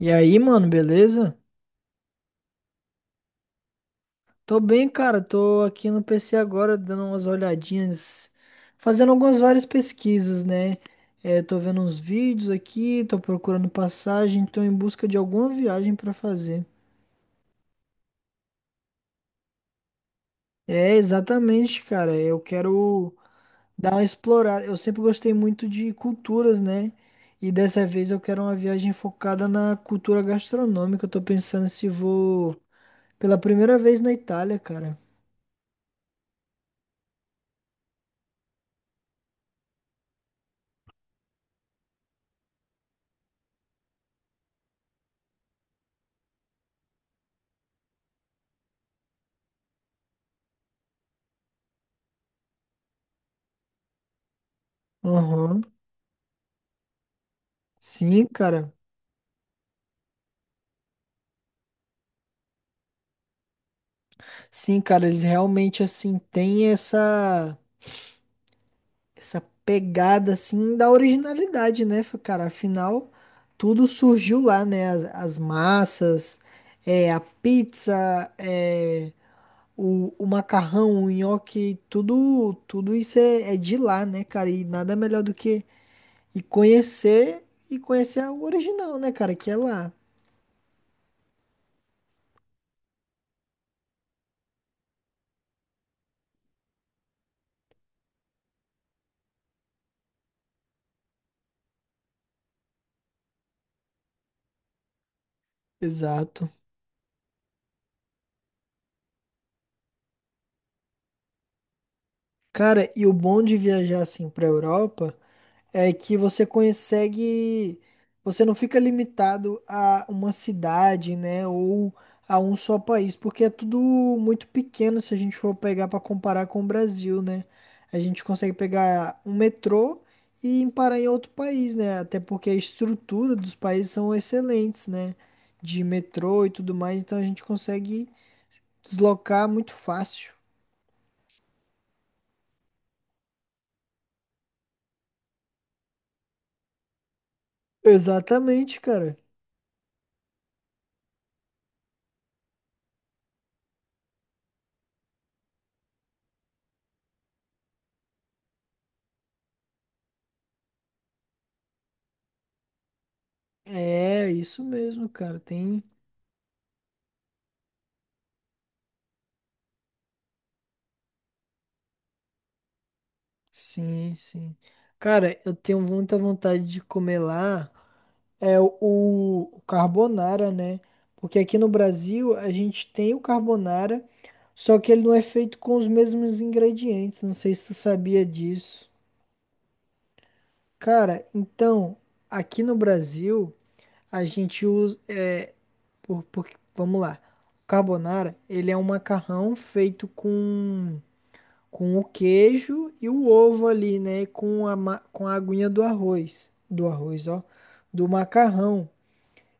E aí, mano, beleza? Tô bem, cara. Tô aqui no PC agora dando umas olhadinhas, fazendo algumas várias pesquisas, né? Tô vendo uns vídeos aqui, tô procurando passagem, tô em busca de alguma viagem pra fazer. É, exatamente, cara. Eu quero dar uma explorada. Eu sempre gostei muito de culturas, né? E dessa vez eu quero uma viagem focada na cultura gastronômica. Eu tô pensando se vou pela primeira vez na Itália, cara. Aham. Sim, cara. Sim, cara, eles realmente assim têm essa pegada assim da originalidade, né, cara? Afinal, tudo surgiu lá, né? As massas, a pizza, é, o macarrão, o nhoque, tudo isso é de lá, né, cara? E nada melhor do que e conhecer e conhecer o original, né, cara? Que é lá. Exato. Cara, e o bom de viajar assim pra Europa é que você não fica limitado a uma cidade, né, ou a um só país, porque é tudo muito pequeno se a gente for pegar para comparar com o Brasil, né? A gente consegue pegar um metrô e ir parar em outro país, né? Até porque a estrutura dos países são excelentes, né? De metrô e tudo mais, então a gente consegue deslocar muito fácil. Exatamente, cara. É isso mesmo, cara. Tem. Sim, sim. Cara, eu tenho muita vontade de comer lá é o, o carbonara, né? Porque aqui no Brasil a gente tem o carbonara, só que ele não é feito com os mesmos ingredientes. Não sei se tu sabia disso. Cara, então, aqui no Brasil a gente usa por, por- vamos lá. O carbonara, ele é um macarrão feito com o queijo e o ovo ali, né? Com com a aguinha do arroz. Do arroz, ó. Do macarrão.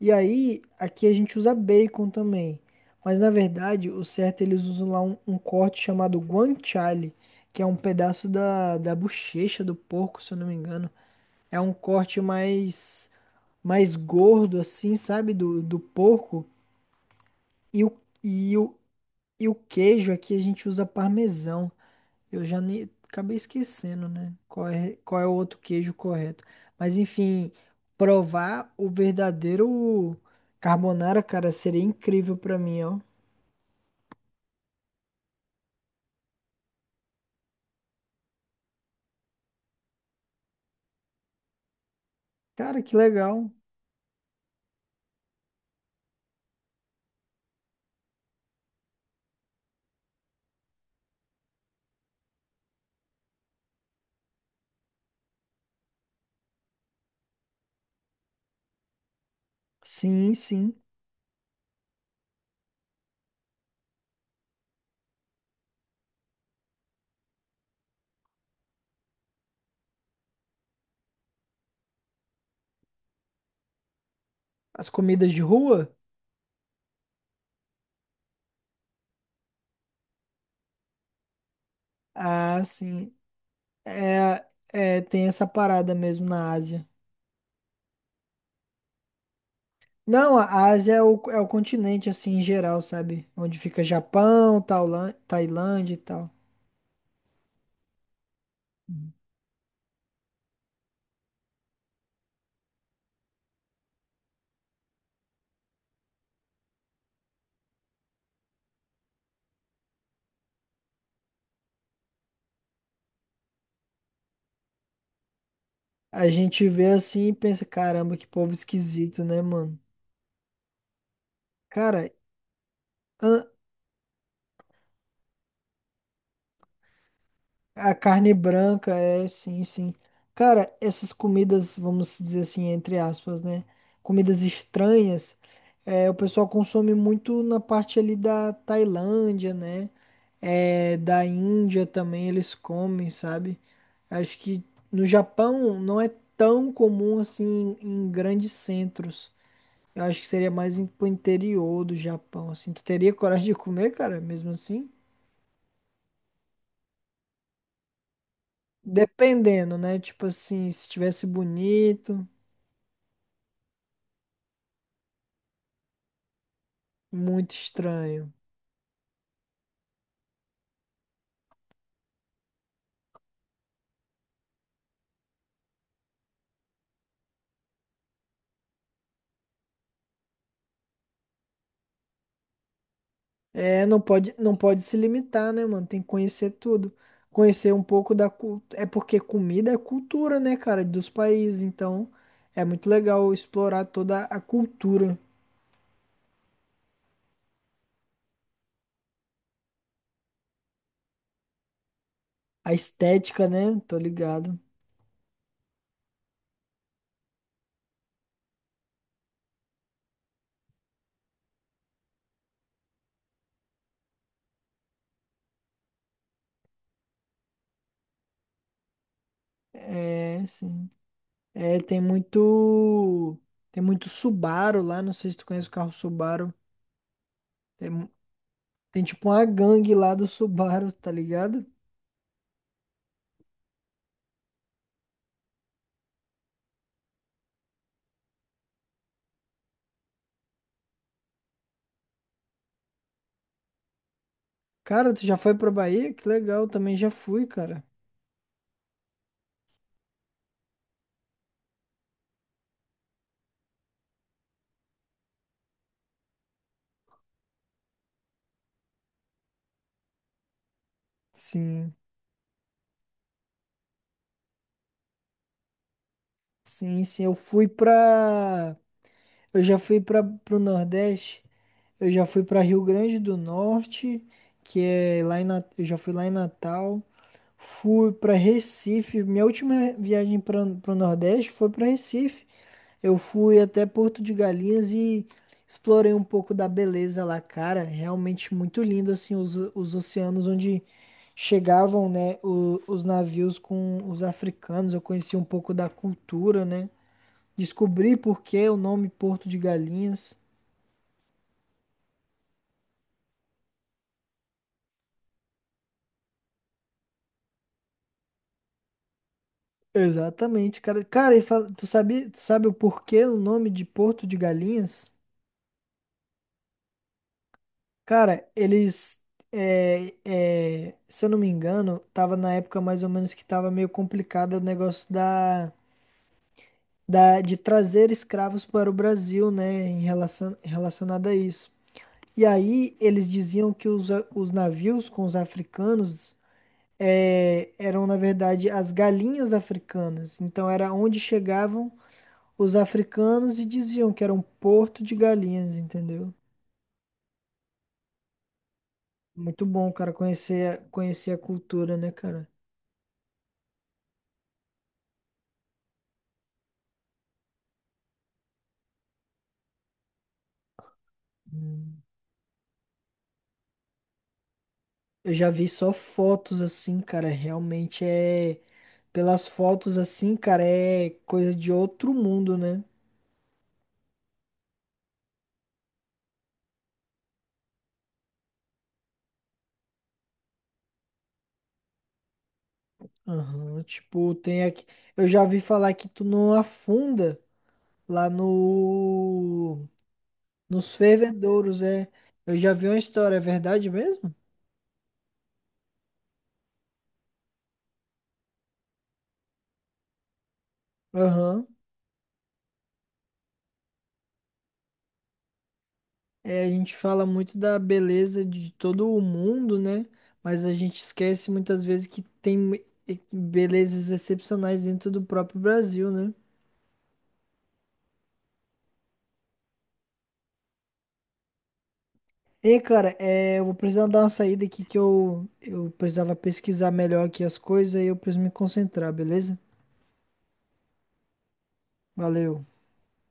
E aí, aqui a gente usa bacon também. Mas na verdade, o certo é eles usam lá um corte chamado guanciale, que é um pedaço da bochecha do porco, se eu não me engano. É um mais gordo, assim, sabe? Do porco. E o, e o, e o queijo aqui a gente usa parmesão. Eu já nem acabei esquecendo, né? Qual é o outro queijo correto? Mas enfim, provar o verdadeiro carbonara, cara, seria incrível pra mim, ó. Cara, que legal. Sim, sim. As comidas de rua? Ah, sim. É, tem essa parada mesmo na Ásia. Não, a Ásia é o continente, assim, em geral, sabe? Onde fica Japão, Tailândia e tal. A gente vê assim e pensa: caramba, que povo esquisito, né, mano? Cara, a a carne branca é, sim, sim. Cara, essas comidas, vamos dizer assim, entre aspas, né? Comidas estranhas, é, o pessoal consome muito na parte ali da Tailândia, né? É, da Índia também eles comem, sabe? Acho que no Japão não é tão comum assim em grandes centros. Eu acho que seria mais pro interior do Japão, assim. Tu teria coragem de comer, cara, mesmo assim? Dependendo, né? Tipo assim, se tivesse bonito, muito estranho. É, não pode se limitar, né, mano? Tem que conhecer tudo. Conhecer um pouco da cultura. É porque comida é cultura, né, cara, dos países. Então, é muito legal explorar toda a cultura, a estética, né? Tô ligado. É, sim. É, tem muito Subaru lá. Não sei se tu conhece o carro Subaru. Tem, tem tipo uma gangue lá do Subaru, tá ligado? Cara, tu já foi pra Bahia? Que legal, também já fui, cara. Sim, sim, sim. Eu já fui pra, pro Nordeste. Eu já fui pra Rio Grande do Norte, que é lá em Eu já fui lá em Natal. Fui para Recife. Minha última viagem para o Nordeste foi para Recife. Eu fui até Porto de Galinhas e explorei um pouco da beleza lá, cara. Realmente muito lindo, assim, os oceanos onde chegavam, né, os navios com os africanos. Eu conheci um pouco da cultura, né? Descobri por que o nome Porto de Galinhas. Exatamente, cara. Cara, e tu sabe o porquê o nome de Porto de Galinhas? Cara, eles, se eu não me engano, tava na época mais ou menos que tava meio complicado o negócio de trazer escravos para o Brasil, né, em relacionado a isso. E aí eles diziam que os navios com os africanos eram, na verdade, as galinhas africanas. Então era onde chegavam os africanos e diziam que era um porto de galinhas, entendeu? Muito bom, cara, conhecer a cultura, né, cara? Hum. Eu já vi só fotos assim, cara. Realmente é. Pelas fotos assim, cara, é coisa de outro mundo, né? Aham. Tipo, tem aqui. Eu já vi falar que tu não afunda lá no. Nos fervedouros, é. Eu já vi uma história, é verdade mesmo? Aham. É, a gente fala muito da beleza de todo o mundo, né? Mas a gente esquece muitas vezes que tem belezas excepcionais dentro do próprio Brasil, né? Ei, cara, é, eu vou precisar dar uma saída aqui que eu precisava pesquisar melhor aqui as coisas e eu preciso me concentrar, beleza? Valeu.